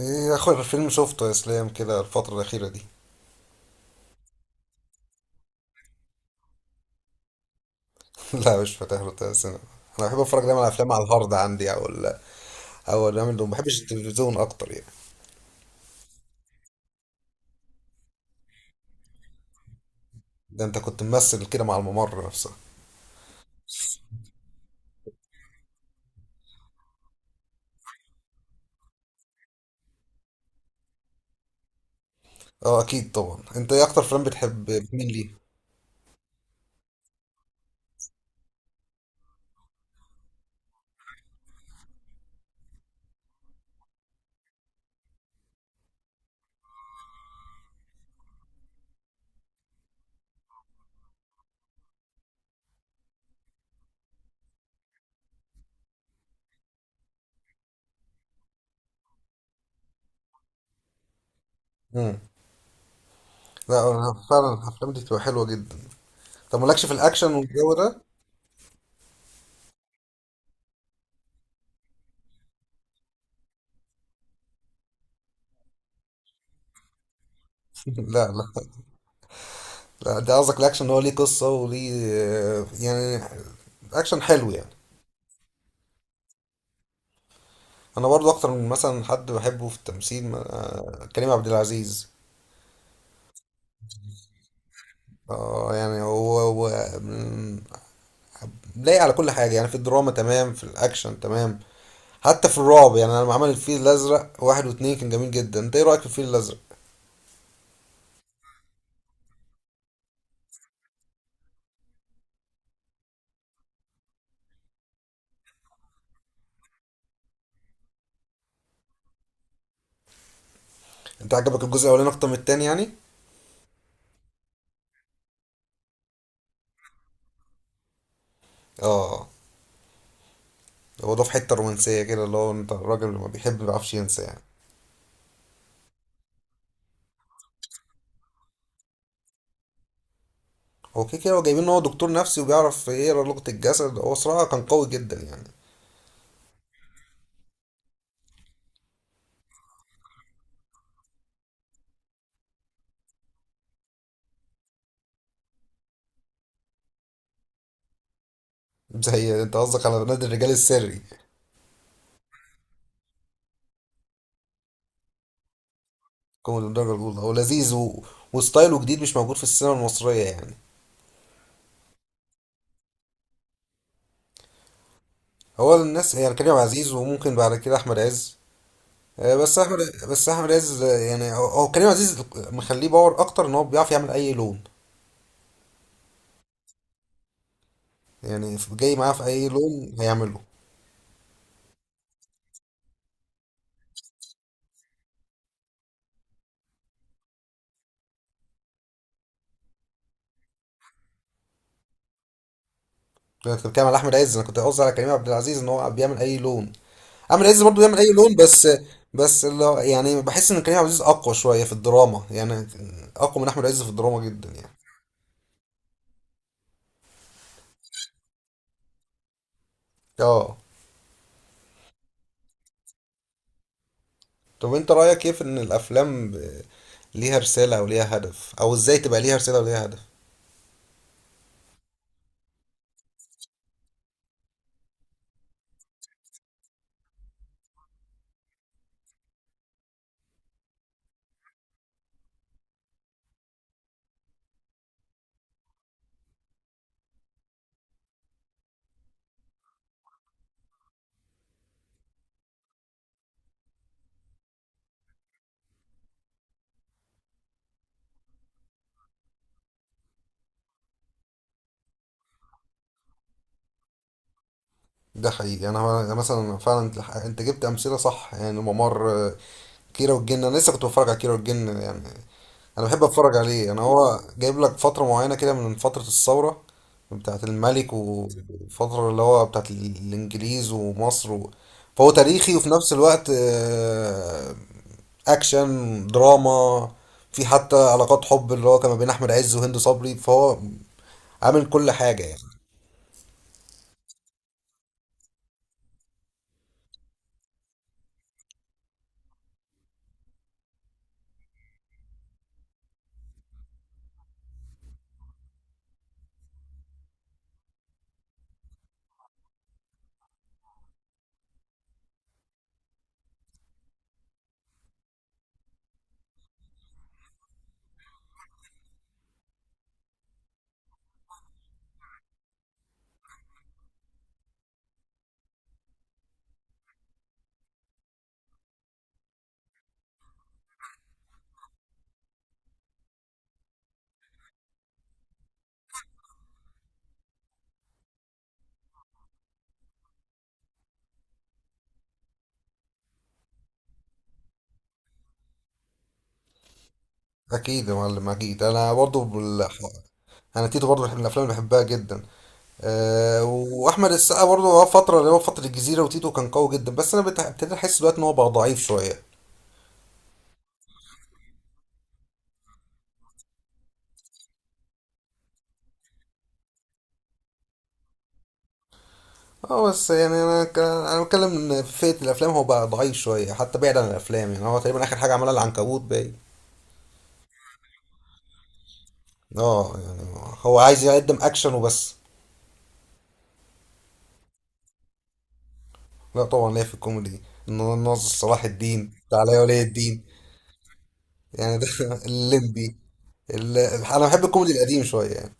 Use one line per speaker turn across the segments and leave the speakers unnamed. ايه اخر فيلم شفته يا اسلام كده الفترة الأخيرة دي لا مش فاتح له تلات سينما. انا بحب اتفرج دايما على افلام على الهارد عندي او او الأيام اللي ما بحبش التلفزيون اكتر يعني. ده انت كنت ممثل كده مع الممر نفسها. اه اكيد طبعا، انت ايه اكتر فيلم بتحب، مين ليه؟ امم لا أنا فعلا الافلام دي بتبقى حلوة جدا. طب مالكش في الاكشن والجو ده؟ لا، لا، لا ده قصدك الاكشن هو ليه قصة وليه يعني اكشن حلو يعني. انا برضو اكتر من مثلا حد بحبه في التمثيل كريم عبد العزيز. اه يعني هو، مم، لايق على كل حاجة يعني، في الدراما تمام، في الأكشن تمام، حتى في الرعب يعني. أنا لما عمل الفيل الأزرق واحد واتنين كان جميل جدا، أنت إيه رأيك في الفيل الأزرق؟ أنت عجبك الجزء الأولاني أكتر من التاني يعني؟ اه. هو ده في حتة رومانسية كده اللي هو أنت الراجل اللي ما بيحب ما بيعرفش ينسى يعني. هو كده كده هو جايبين إن هو دكتور نفسي وبيعرف يقرا لغة الجسد، هو صراحة كان قوي جدا يعني. زي أنت قصدك على نادي الرجال السري. كوميدي الدرجة الأولى، هو لذيذ وستايله جديد مش موجود في السينما المصرية يعني. هو الناس يعني كريم عزيز وممكن بعد كده احمد عز. آه. بس احمد عز، يعني هو كريم عزيز مخليه باور اكتر ان هو بيعرف يعمل اي لون. يعني جاي معاه في اي لون هيعمله. انا كنت بتكلم على احمد عز، انا كنت قصدي على كريم عبد العزيز ان هو بيعمل اي لون. احمد عز برضه بيعمل اي لون، بس يعني بحس ان كريم عبد العزيز اقوى شويه في الدراما يعني، اقوى من احمد عز في الدراما جدا يعني. اه. طب انت رايك ايه في ان الافلام ليها رساله او ليها هدف، او ازاي تبقى ليها رساله وليها هدف؟ ده حقيقي. انا مثلا فعلا انت جبت امثله صح يعني ممر، كيرة والجن، انا لسه كنت بتفرج على كيرة والجن يعني. انا بحب اتفرج عليه، انا هو جايب لك فتره معينه كده من فتره الثوره بتاعه الملك، وفتره اللي هو بتاعه الانجليز ومصر. فهو تاريخي، وفي نفس الوقت اكشن دراما، في حتى علاقات حب اللي هو كان ما بين احمد عز وهند صبري، فهو عامل كل حاجه يعني. اكيد يا معلم اكيد. انا تيتو برضه من الافلام اللي بحبها جدا. أه، واحمد السقا برضه هو فتره اللي هو فتره الجزيره وتيتو كان قوي جدا، بس انا ابتديت احس دلوقتي ان هو بقى ضعيف شويه. اه بس يعني انا بتكلم ان في فئه الافلام هو بقى ضعيف شويه، حتى بعيد عن الافلام يعني هو تقريبا اخر حاجه عملها العنكبوت باين. اه يعني هو عايز يقدم اكشن وبس. لا طبعا ليه في الكوميدي، إنه ناصر صلاح الدين، تعالى يا ولي الدين. يعني ده الليمبي. انا بحب الكوميدي القديم شويه يعني.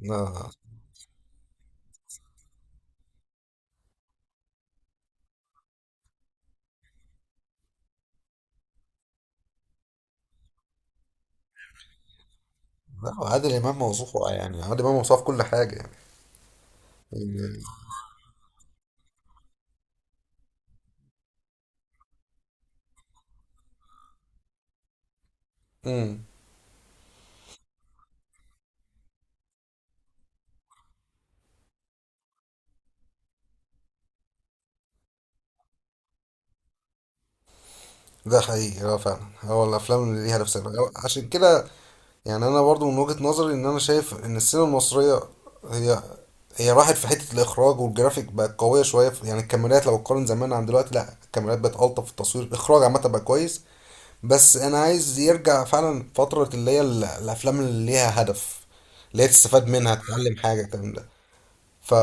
لا. لا عادل امام موصوف، يعني عادل امام موصوف كل حاجه يعني. يعني- امم ده حقيقي. اه فعلا، هو الافلام اللي ليها نفسها عشان كده. يعني انا برضو من وجهه نظري ان انا شايف ان السينما المصريه هي هي راحت في حته الاخراج والجرافيك، بقت قويه شويه يعني الكاميرات لو تقارن زمان عن دلوقتي، لا الكاميرات بقت الطف في التصوير، الاخراج عامه بقى كويس. بس انا عايز يرجع فعلا فتره اللي هي الافلام اللي ليها هدف، اللي هي تستفاد منها، تتعلم حاجه، الكلام ده. ف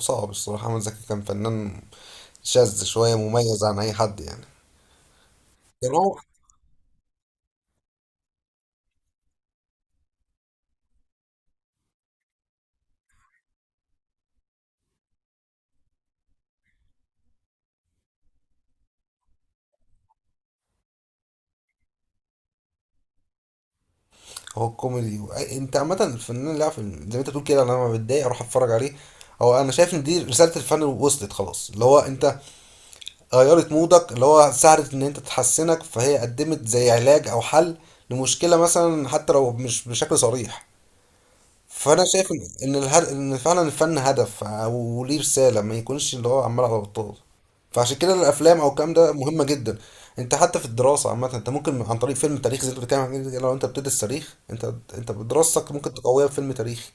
صعب الصراحة، أحمد زكي كان فنان شاذ شوية، مميز عن أي حد يعني. كان هو هو الكوميدي أنت عامة الفنان اللي عارف، زي ما أنت بتقول كده، أنا لما بتضايق أروح أتفرج عليه. هو أنا شايف إن دي رسالة الفن وصلت خلاص، اللي هو أنت غيرت مودك، اللي هو ساعدت إن أنت تحسنك، فهي قدمت زي علاج أو حل لمشكلة مثلا حتى لو مش بشكل صريح. فانا شايف ان ان فعلا الفن هدف او ليه رساله، ما يكونش اللي هو عمال على بطال. فعشان كده الافلام او الكلام ده مهمه جدا. انت حتى في الدراسه عامه انت ممكن عن طريق فيلم تاريخي زي اللي بتتكلم عنه كده، لو انت بتدرس تاريخ انت بدراستك ممكن تقويها بفيلم تاريخي.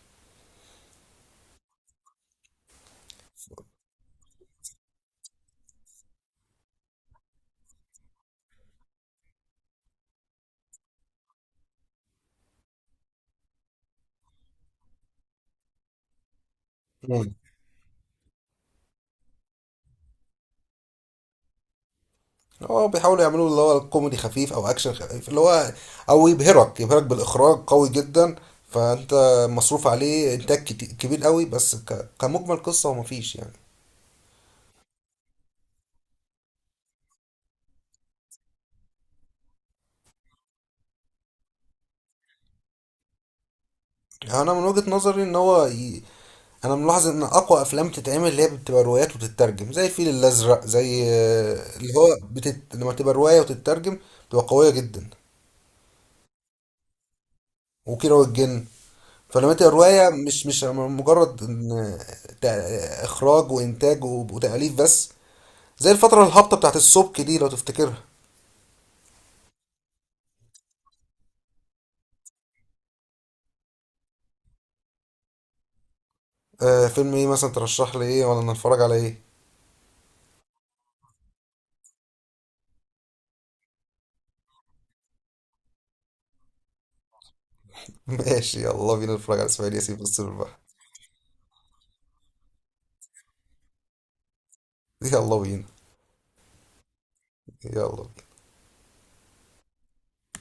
مم. هو بيحاولوا يعملوا اللي هو كوميدي خفيف او اكشن خفيف، اللي هو او يبهرك بالاخراج قوي جدا. فانت مصروف عليه انتاج كبير قوي، بس كمجمل قصه هو مفيش يعني. انا من وجهه نظري ان هو انا ملاحظ ان اقوى افلام تتعمل اللي هي بتبقى روايات وتترجم، زي الفيل الازرق، زي لما تبقى روايه وتترجم بتبقى قويه جدا. وكيرة والجن، فلما تبقى روايه مش مجرد إن اخراج وانتاج وتاليف بس، زي الفتره الهابطه بتاعت السبك دي لو تفتكرها. آه، فيلم ايه مثلا ترشح لي، ايه ولا نتفرج على ايه؟ ماشي، يلا بينا نتفرج على اسماعيل ياسين في الصيف البحر. يلا بينا. يلا.